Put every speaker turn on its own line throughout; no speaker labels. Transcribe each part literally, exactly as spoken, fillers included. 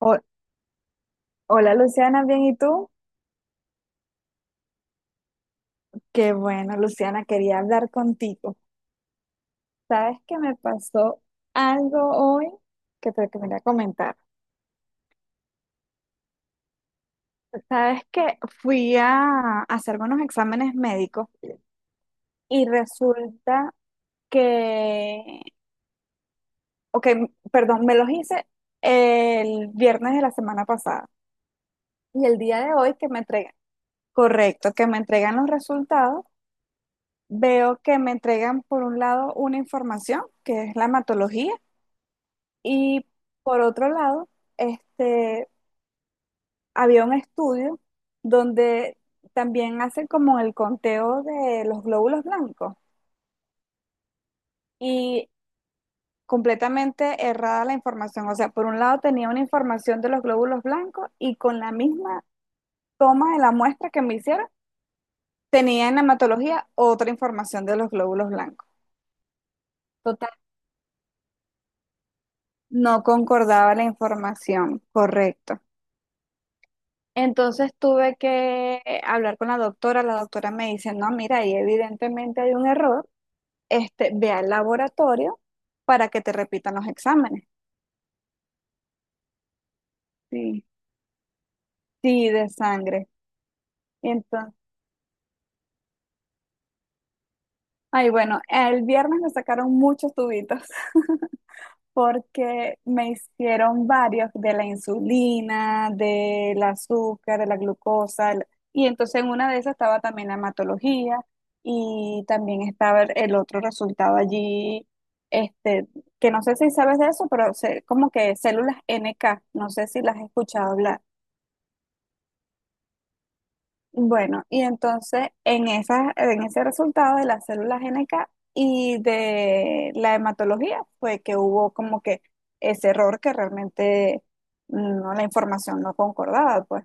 Ho- Hola Luciana, bien, ¿y tú? Qué bueno, Luciana, quería hablar contigo. ¿Sabes que me pasó algo hoy que te quería comentar? Sabes que fui a hacerme unos exámenes médicos y resulta que, ok, perdón, me los hice el viernes de la semana pasada y el día de hoy que me entregan, correcto, que me entregan los resultados, veo que me entregan por un lado una información que es la hematología y por otro lado, este, había un estudio donde también hacen como el conteo de los glóbulos blancos y completamente errada la información. O sea, por un lado tenía una información de los glóbulos blancos y con la misma toma de la muestra que me hicieron, tenía en hematología otra información de los glóbulos blancos. Total, no concordaba la información, correcto. Entonces tuve que hablar con la doctora. La doctora me dice, no, mira, ahí evidentemente hay un error. Este, ve al laboratorio para que te repitan los exámenes. Sí, sí, de sangre. Entonces, ay, bueno, el viernes me sacaron muchos tubitos, porque me hicieron varios de la insulina, del azúcar, de la glucosa, el- y entonces en una de esas estaba también la hematología y también estaba el, el otro resultado allí, este, que no sé si sabes de eso, pero sé- como que células N K, no sé si las has escuchado hablar. Bueno, y entonces en esa, en ese resultado de las células N K y de la hematología fue que hubo como que ese error que realmente no, la información no concordaba, pues.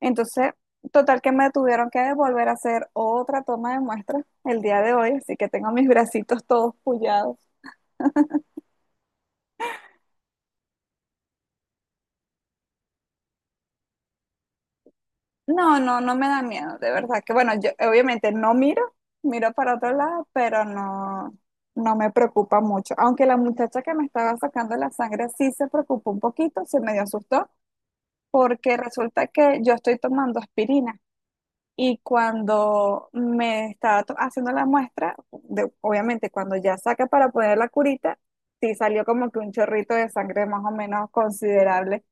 Entonces, total que me tuvieron que volver a hacer otra toma de muestra el día de hoy, así que tengo mis bracitos todos pullados. No, no, no me da miedo, de verdad que bueno, yo obviamente no miro, miro para otro lado, pero no, no me preocupa mucho. Aunque la muchacha que me estaba sacando la sangre sí se preocupó un poquito, se medio asustó, porque resulta que yo estoy tomando aspirina y cuando me estaba to- haciendo la muestra, de- obviamente cuando ya saca para poner la curita, sí salió como que un chorrito de sangre más o menos considerable.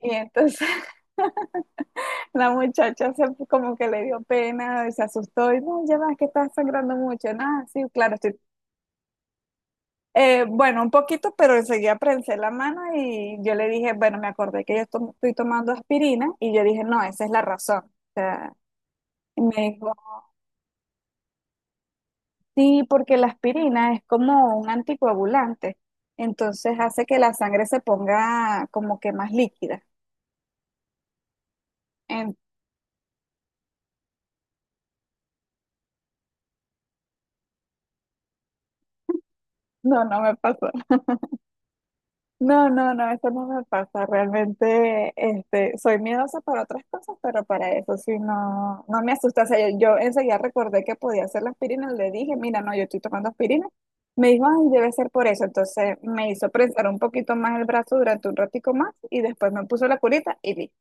Y entonces la muchacha se, como que le dio pena, se asustó y no, ya ves que estás sangrando mucho. Nada, sí, claro, estoy. Eh, bueno, un poquito, pero enseguida prensé la mano y yo le dije, bueno, me acordé que yo to- estoy tomando aspirina y yo dije, no, esa es la razón. O sea, y me dijo, sí, porque la aspirina es como un anticoagulante, entonces hace que la sangre se ponga como que más líquida. En- no, no me pasó. No, no, no, eso no me pasa. Realmente, este, soy miedosa para otras cosas, pero para eso sí no, no me asusta. O sea, yo yo, enseguida recordé que podía hacer la aspirina, le dije, mira, no, yo estoy tomando aspirina. Me dijo, ay, debe ser por eso. Entonces me hizo prensar un poquito más el brazo durante un ratico más y después me puso la curita y vi.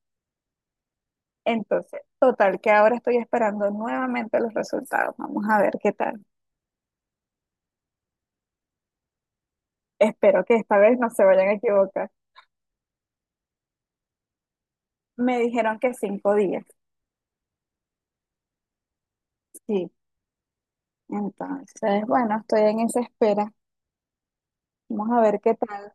Entonces, total, que ahora estoy esperando nuevamente los resultados. Vamos a ver qué tal. Espero que esta vez no se vayan a equivocar. Me dijeron que cinco días. Sí, entonces, bueno, estoy en esa espera. Vamos a ver qué tal.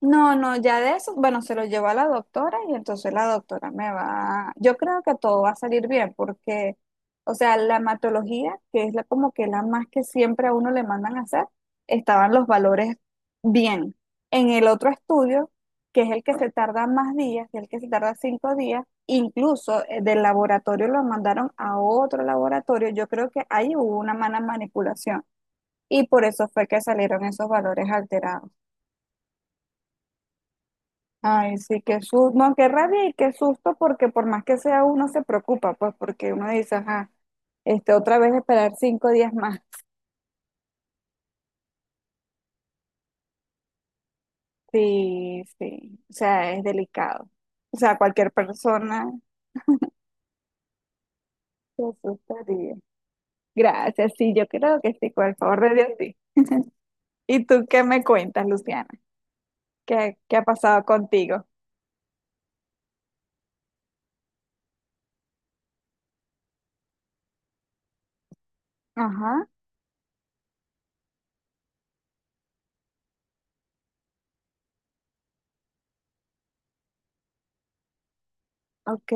No, no, ya de eso, bueno, se lo llevo a la doctora y entonces la doctora me va, yo creo que todo va a salir bien porque, o sea, la hematología, que es la, como que la más que siempre a uno le mandan a hacer, estaban los valores bien. En el otro estudio, que es el que se tarda más días, que es el que se tarda cinco días, incluso eh, del laboratorio lo mandaron a otro laboratorio, yo creo que ahí hubo una mala manipulación. Y por eso fue que salieron esos valores alterados. Ay, sí, qué susto, no, qué rabia y qué susto, porque por más que sea uno se preocupa, pues porque uno dice, ajá, este, otra vez esperar cinco días más. Sí, sí, o sea, es delicado. O sea, cualquier persona se asustaría. Gracias, sí, yo creo que sí, por el favor de Dios, sí. ¿Y tú qué me cuentas, Luciana? ¿Qué, qué ha pasado contigo? Ajá, ok,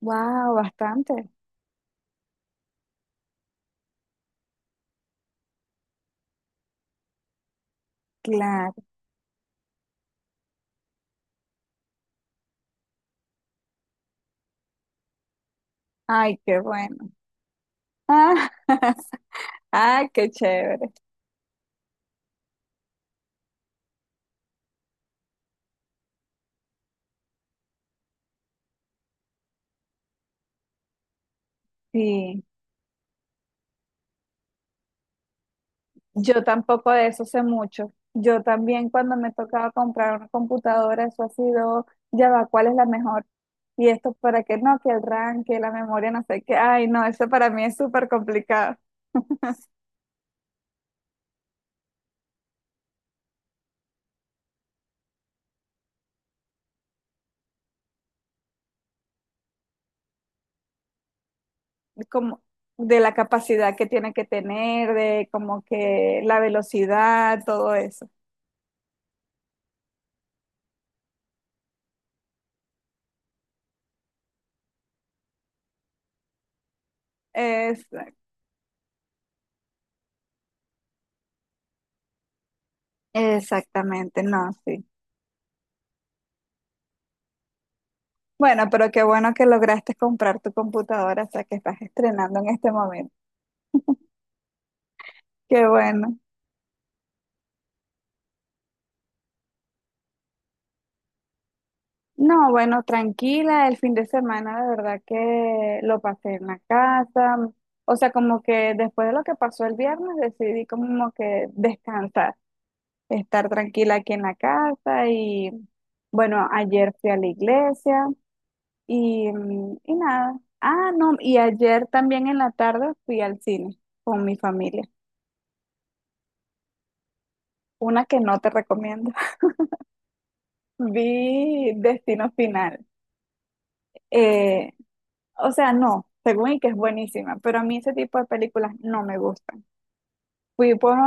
wow, bastante, claro. Ay, qué bueno. Ah, ah, qué chévere. Sí, yo tampoco de eso sé mucho. Yo también cuando me tocaba comprar una computadora, eso ha sido, ya va, ¿cuál es la mejor? Y esto para qué no, que el RAM, que la memoria, no sé qué. Ay, no, eso para mí es súper complicado. Como de la capacidad que tiene que tener, de como que la velocidad, todo eso. Es, exactamente, no, sí. Bueno, pero qué bueno que lograste comprar tu computadora, o sea que estás estrenando en este momento. Qué bueno. No, bueno, tranquila, el fin de semana de verdad que lo pasé en la casa. O sea, como que después de lo que pasó el viernes decidí como que descansar, estar tranquila aquí en la casa y bueno, ayer fui a la iglesia y, mm, y nada. Ah, no, y ayer también en la tarde fui al cine con mi familia, una que no te recomiendo. Vi Destino Final. Eh, o sea, no, según y que es buenísima, pero a mí ese tipo de películas no me gustan. Fui por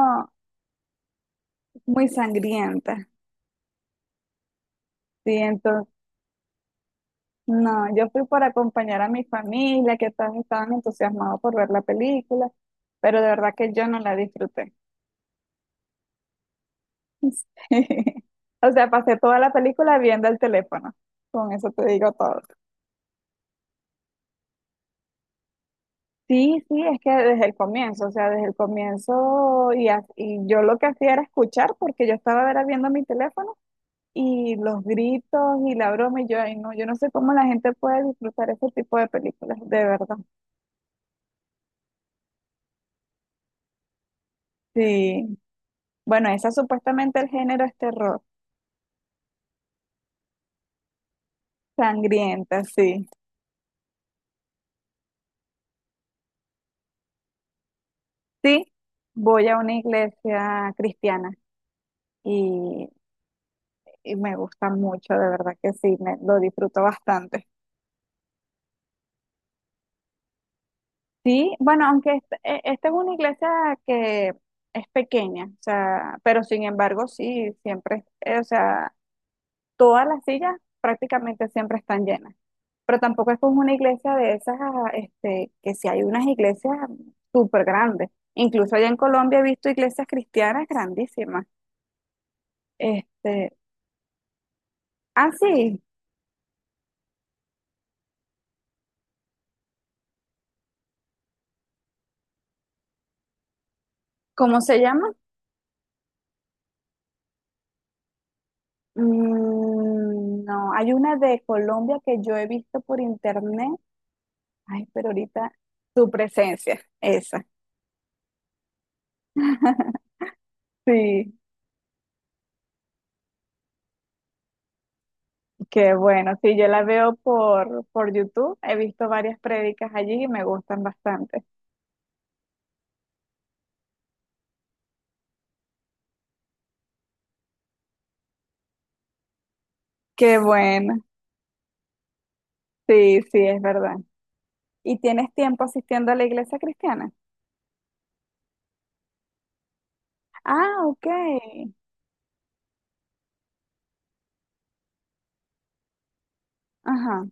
muy sangrienta, ¿sí? Entonces, no, yo fui por acompañar a mi familia, que todos estaban entusiasmados por ver la película, pero de verdad que yo no la disfruté. Sí. O sea, pasé toda la película viendo el teléfono. Con eso te digo todo. Sí, sí, es que desde el comienzo, o sea, desde el comienzo y, ha- y yo lo que hacía era escuchar porque yo estaba era viendo mi teléfono y los gritos y la broma y yo, ay, no, yo no sé cómo la gente puede disfrutar ese tipo de películas, de verdad. Sí. Bueno, esa supuestamente el género es terror, sangrienta, sí. Sí, voy a una iglesia cristiana y, y me gusta mucho, de verdad que sí, me, lo disfruto bastante. Sí, bueno, aunque est- e- esta es una iglesia que es pequeña, o sea, pero sin embargo, sí, siempre, eh, o sea, todas las sillas prácticamente siempre están llenas. Pero tampoco es como una iglesia de esas, ah, este, que si hay unas iglesias súper grandes. Incluso allá en Colombia he visto iglesias cristianas grandísimas. Este, ah, sí, ¿cómo se llama? Mm, no, hay una de Colombia que yo he visto por internet. Ay, pero ahorita tu presencia, esa. Sí, qué bueno. Sí, yo la veo por, por YouTube. He visto varias prédicas allí y me gustan bastante. Qué bueno. Sí, sí, es verdad. ¿Y tienes tiempo asistiendo a la iglesia cristiana? Ah, ok. Ajá.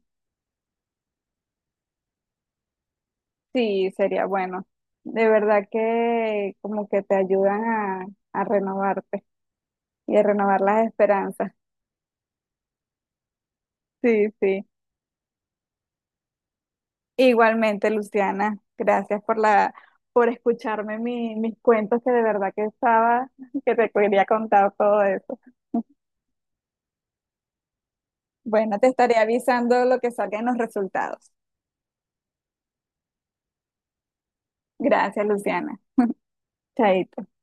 Sí, sería bueno. De verdad que como que te ayudan a, a renovarte y a renovar las esperanzas. Sí, sí. Igualmente, Luciana, gracias por la, por escucharme mi- mis cuentos que de verdad que estaba, que te quería contar todo eso. Bueno, te estaré avisando lo que salgan los resultados. Gracias, Luciana. Chaito.